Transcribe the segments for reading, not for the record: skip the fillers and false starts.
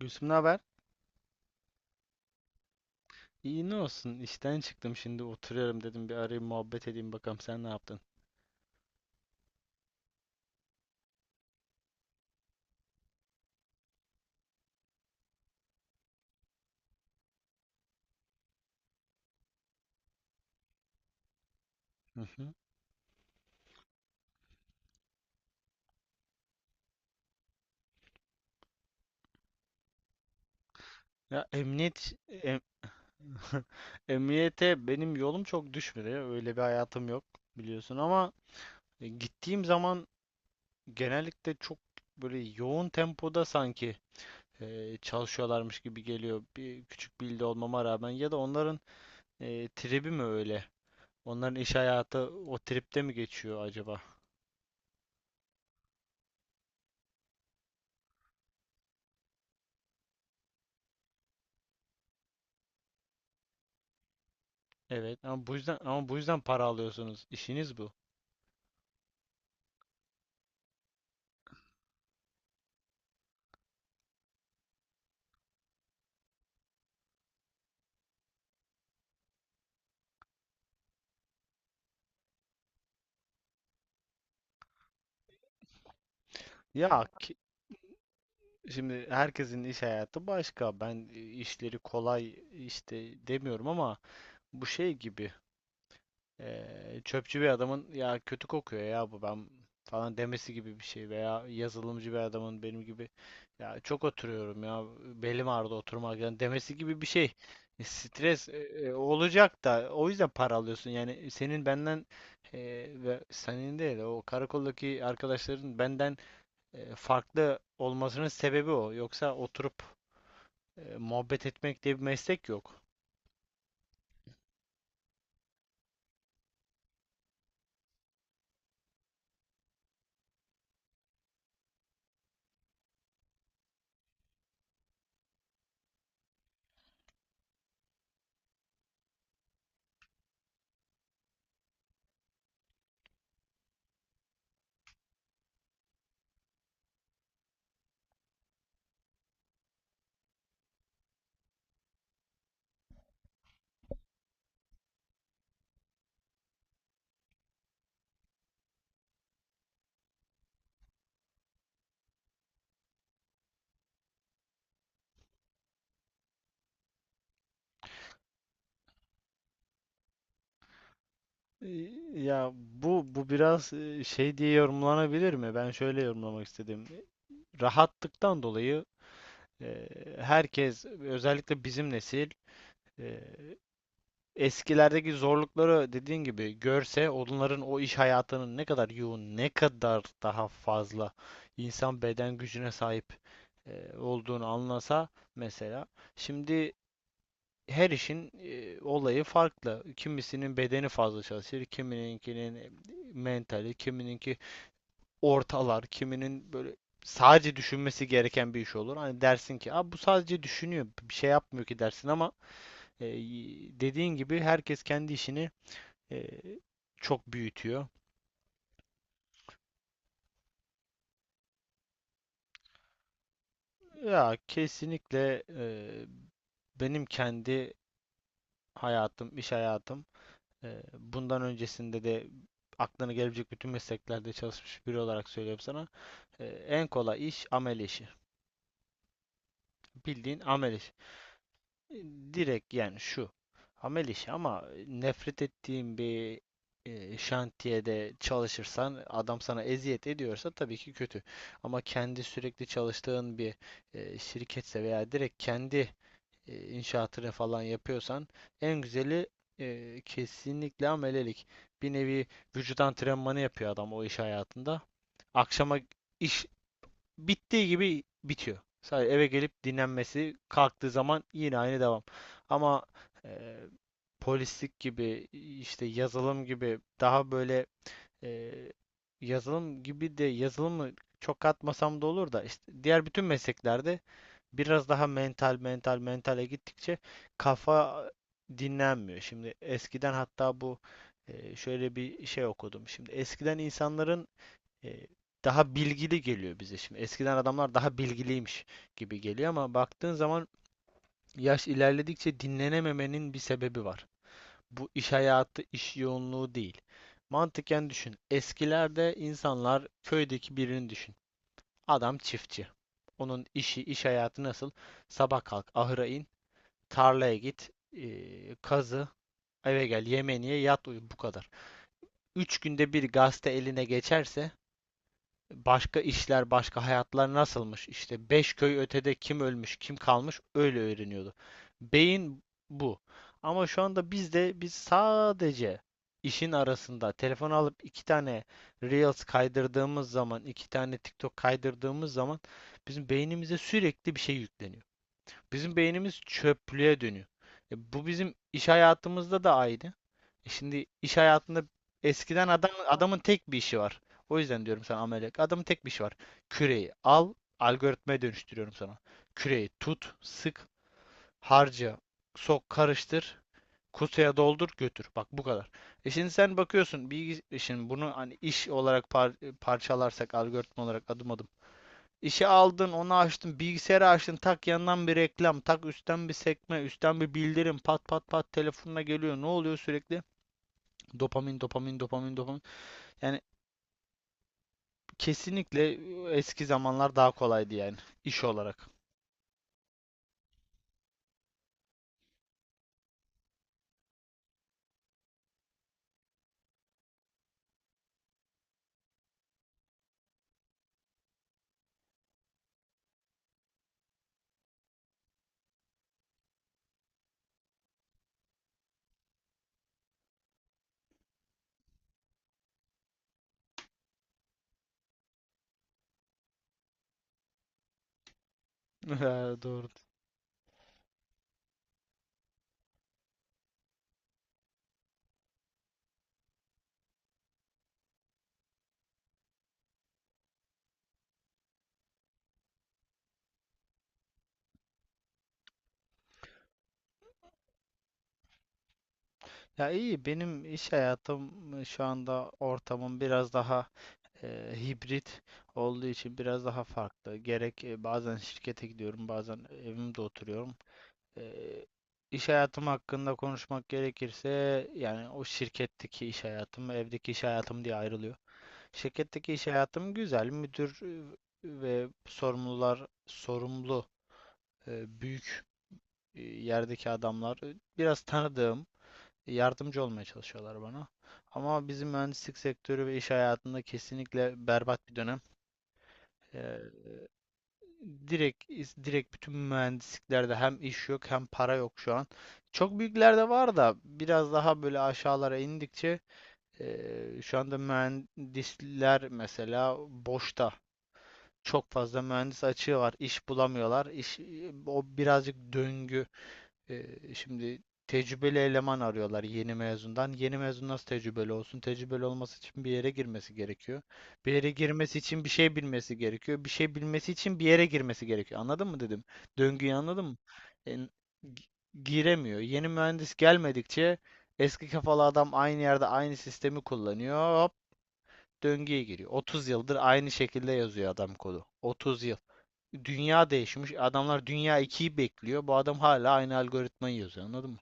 Gülsüm ne haber? İyi, ne olsun, işten çıktım, şimdi oturuyorum, dedim bir arayayım muhabbet edeyim, bakalım sen ne yaptın? Hı hı. Ya em- emniyete benim yolum çok düşmüyor, öyle bir hayatım yok biliyorsun, ama gittiğim zaman genellikle çok böyle yoğun tempoda sanki çalışıyorlarmış gibi geliyor, bir küçük bir ilde olmama rağmen. Ya da onların tribi mi öyle? Onların iş hayatı o tripte mi geçiyor acaba? Evet ama bu yüzden, para alıyorsunuz, işiniz bu. Ya ki- Şimdi herkesin iş hayatı başka. Ben işleri kolay işte demiyorum ama bu şey gibi, çöpçü bir adamın ya kötü kokuyor ya bu ben falan demesi gibi bir şey, veya yazılımcı bir adamın benim gibi ya çok oturuyorum ya belim ağrıdı oturmaktan demesi gibi bir şey. Stres olacak da, o yüzden para alıyorsun. Yani senin benden, e, ve senin değil, o karakoldaki arkadaşların benden farklı olmasının sebebi o. Yoksa oturup muhabbet etmek diye bir meslek yok. E, Ya bu biraz şey diye yorumlanabilir mi? Ben şöyle yorumlamak istedim. Rahatlıktan dolayı, e, herkes, özellikle bizim nesil, e, eskilerdeki zorlukları dediğin gibi görse, onların o iş hayatının ne kadar yoğun, ne kadar daha fazla insan beden gücüne sahip olduğunu anlasa, mesela. Şimdi her işin olayı farklı. Kimisinin bedeni fazla çalışır, kimininkinin mentali, kimininki ortalar, kiminin böyle sadece düşünmesi gereken bir iş olur. Hani dersin ki, "Aa, bu sadece düşünüyor, bir şey yapmıyor ki," dersin ama e, dediğin gibi herkes kendi işini e, çok büyütüyor. Ya kesinlikle, benim kendi hayatım, iş hayatım, bundan öncesinde de aklına gelebilecek bütün mesleklerde çalışmış biri olarak söylüyorum sana. En kolay iş amel işi. Bildiğin amel işi. Ee, Direkt yani şu. Amel işi, ama nefret ettiğin bir şantiyede çalışırsan, adam sana eziyet ediyorsa tabii ki kötü. Ama kendi sürekli çalıştığın bir şirketse, veya direkt kendi inşaatını falan yapıyorsan, en güzeli kesinlikle amelelik. Bir nevi vücut antrenmanı yapıyor adam o iş hayatında. Akşama iş bittiği gibi bitiyor. Sadece eve gelip dinlenmesi, kalktığı zaman yine aynı devam. Ama e, polislik gibi, işte yazılım gibi daha böyle, e, yazılım gibi de yazılımı çok katmasam da olur, da işte diğer bütün mesleklerde biraz daha mentale gittikçe kafa dinlenmiyor. Şimdi eskiden, hatta bu şöyle bir şey okudum. Şimdi eskiden insanların e, daha bilgili geliyor bize şimdi. Eskiden adamlar daha bilgiliymiş gibi geliyor, ama baktığın zaman yaş ilerledikçe dinlenememenin bir sebebi var. Bu iş hayatı, iş yoğunluğu değil. Mantıken düşün. Eskilerde insanlar, köydeki birini düşün. Adam çiftçi. Onun işi, iş hayatı nasıl? Sabah kalk, ahıra in, tarlaya git, kazı, eve gel, yemeğini ye, yat uyu, bu kadar. 3 günde bir gazete eline geçerse başka işler, başka hayatlar nasılmış, İşte beş köy ötede kim ölmüş, kim kalmış, öyle öğreniyordu. Beyin bu. Ama şu anda bizde biz sadece işin arasında telefon alıp iki tane Reels kaydırdığımız zaman, iki tane TikTok kaydırdığımız zaman bizim beynimize sürekli bir şey yükleniyor. Bizim beynimiz çöplüğe dönüyor. Bu bizim iş hayatımızda da aynı. Şimdi iş hayatında, eskiden adam, adamın tek bir işi var. O yüzden diyorum sana, ameliyat. Adamın tek bir işi var. Küreyi al, algoritmaya dönüştürüyorum sana. Küreyi tut, sık, harca, sok, karıştır, kutuya doldur, götür. Bak, bu kadar. Şimdi sen bakıyorsun bilgi, şimdi bunu hani iş olarak parçalarsak, algoritma olarak adım adım. İşi aldın, onu açtın, bilgisayarı açtın, tak yandan bir reklam, tak üstten bir sekme, üstten bir bildirim, pat pat pat telefonuna geliyor. Ne oluyor sürekli? Dopamin, dopamin, dopamin, dopamin. Yani kesinlikle, eski zamanlar daha kolaydı yani, iş olarak. Ha, doğru. Ya iyi, benim iş hayatım şu anda, ortamım biraz daha hibrit olduğu için biraz daha farklı. Gerek bazen şirkete gidiyorum, bazen evimde oturuyorum. Eee, iş hayatım hakkında konuşmak gerekirse, yani o şirketteki iş hayatım ve evdeki iş hayatım diye ayrılıyor. Şirketteki iş hayatım güzel. Müdür ve sorumlular, sorumlu büyük yerdeki adamlar biraz tanıdığım, yardımcı olmaya çalışıyorlar bana. Ama bizim mühendislik sektörü ve iş hayatında kesinlikle berbat bir dönem. Direkt, bütün mühendisliklerde hem iş yok hem para yok şu an. Çok büyüklerde var, da biraz daha böyle aşağılara indikçe şu anda mühendisler mesela boşta. Çok fazla mühendis açığı var. İş bulamıyorlar. İş, o birazcık döngü. Ee, Şimdi tecrübeli eleman arıyorlar, yeni mezundan. Yeni mezun nasıl tecrübeli olsun? Tecrübeli olması için bir yere girmesi gerekiyor. Bir yere girmesi için bir şey bilmesi gerekiyor. Bir şey bilmesi için bir yere girmesi gerekiyor. Anladın mı, dedim? Döngüyü anladın mı? E, gi- Giremiyor. Yeni mühendis gelmedikçe, eski kafalı adam aynı yerde aynı sistemi kullanıyor. Hop, döngüye giriyor. 30 yıldır aynı şekilde yazıyor adam kodu. 30 yıl. Dünya değişmiş. Adamlar Dünya ikiyi bekliyor. Bu adam hala aynı algoritmayı yazıyor. Anladın mı?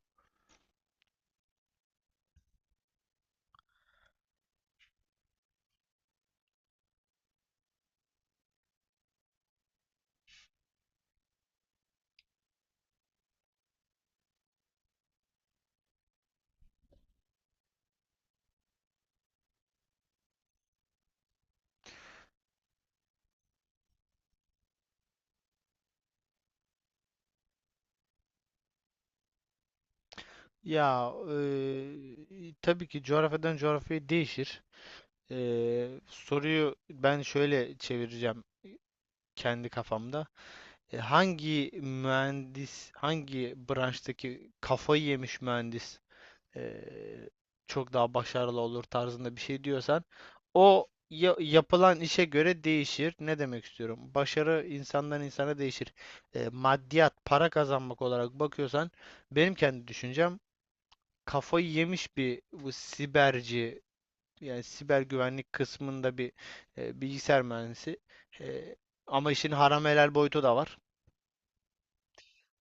Ya tabii ki coğrafyadan coğrafyaya değişir. Soruyu ben şöyle çevireceğim kendi kafamda. Hangi mühendis, hangi branştaki kafayı yemiş mühendis eee, çok daha başarılı olur tarzında bir şey diyorsan, o yapılan işe göre değişir. Ne demek istiyorum? Başarı insandan insana değişir. Maddiyat, para kazanmak olarak bakıyorsan, benim kendi düşüncem, kafayı yemiş bir, bu siberci, yani siber güvenlik kısmında bir bilgisayar mühendisi. Eee, Ama işin haram helal boyutu da var.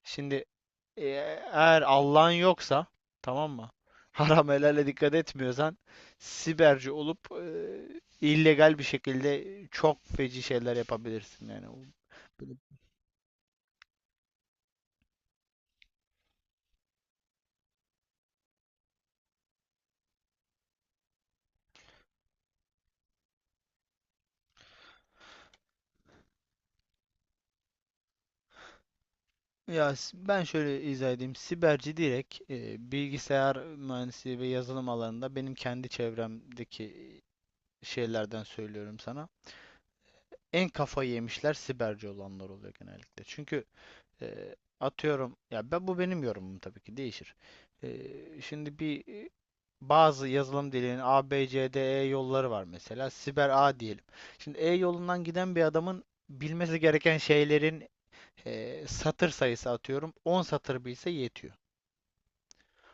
Şimdi E, eğer Allah'ın yoksa, tamam mı? Haram helale dikkat etmiyorsan, siberci olup illegal bir şekilde çok feci şeyler yapabilirsin yani. Böyle- Ya ben şöyle izah edeyim. Siberci direkt bilgisayar mühendisliği ve yazılım alanında benim kendi çevremdeki şeylerden söylüyorum sana. En kafayı yemişler siberci olanlar oluyor genellikle. Çünkü atıyorum, ya ben, bu benim yorumum, tabii ki değişir. Şimdi bir bazı yazılım dilinin A, B, C, D, E yolları var mesela. Siber A diyelim. Şimdi E yolundan giden bir adamın bilmesi gereken şeylerin satır sayısı, atıyorum 10 satır bilse yetiyor.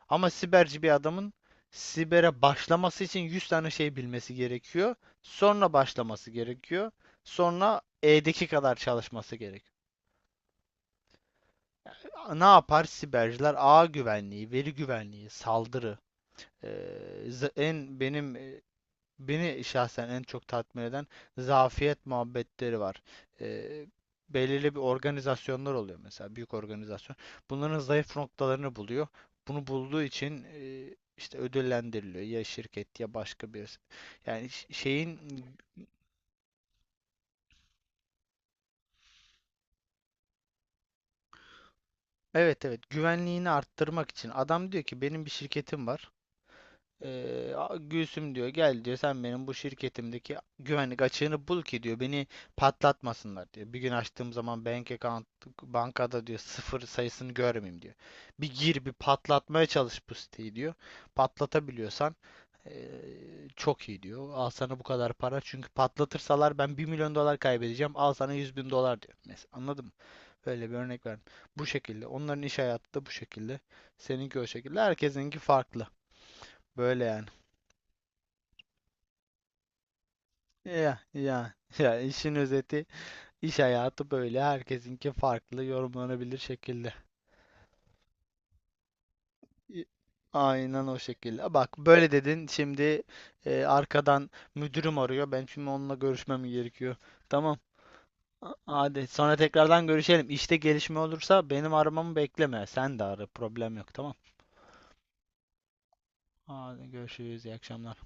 Ama siberci bir adamın sibere başlaması için 100 tane şey bilmesi gerekiyor. Sonra başlaması gerekiyor. Sonra E'deki kadar çalışması gerekiyor. Ne yapar siberciler? Ağ güvenliği, veri güvenliği, saldırı. Ee, En benim, beni şahsen en çok tatmin eden zafiyet muhabbetleri var. Ee, Belirli bir organizasyonlar oluyor mesela, büyük organizasyon. Bunların zayıf noktalarını buluyor. Bunu bulduğu için işte ödüllendiriliyor, ya şirket ya başka birisi. Yani şeyin, evet, evet, güvenliğini arttırmak için. Adam diyor ki, benim bir şirketim var. Gülsüm, diyor, gel diyor, sen benim bu şirketimdeki güvenlik açığını bul ki diyor, beni patlatmasınlar diyor. Bir gün açtığım zaman bank account, bankada, diyor, sıfır sayısını görmeyeyim diyor. Bir gir, bir patlatmaya çalış bu siteyi diyor. Patlatabiliyorsan ee, çok iyi diyor. Al sana bu kadar para, çünkü patlatırsalar ben 1 milyon dolar kaybedeceğim. Al sana 100 bin dolar diyor. Mesela, anladın mı? Böyle bir örnek verdim. Bu şekilde. Onların iş hayatı da bu şekilde. Seninki o şekilde. Herkesinki farklı. Böyle yani. Ya ya ya, işin özeti, iş hayatı böyle, herkesinki farklı yorumlanabilir şekilde. İ- Aynen o şekilde. Bak, böyle dedin şimdi arkadan müdürüm arıyor. Ben şimdi onunla görüşmem gerekiyor. Tamam. Hadi, sonra tekrardan görüşelim. İşte gelişme olursa benim aramamı bekleme, sen de ara, problem yok, tamam. Hadi görüşürüz, iyi akşamlar.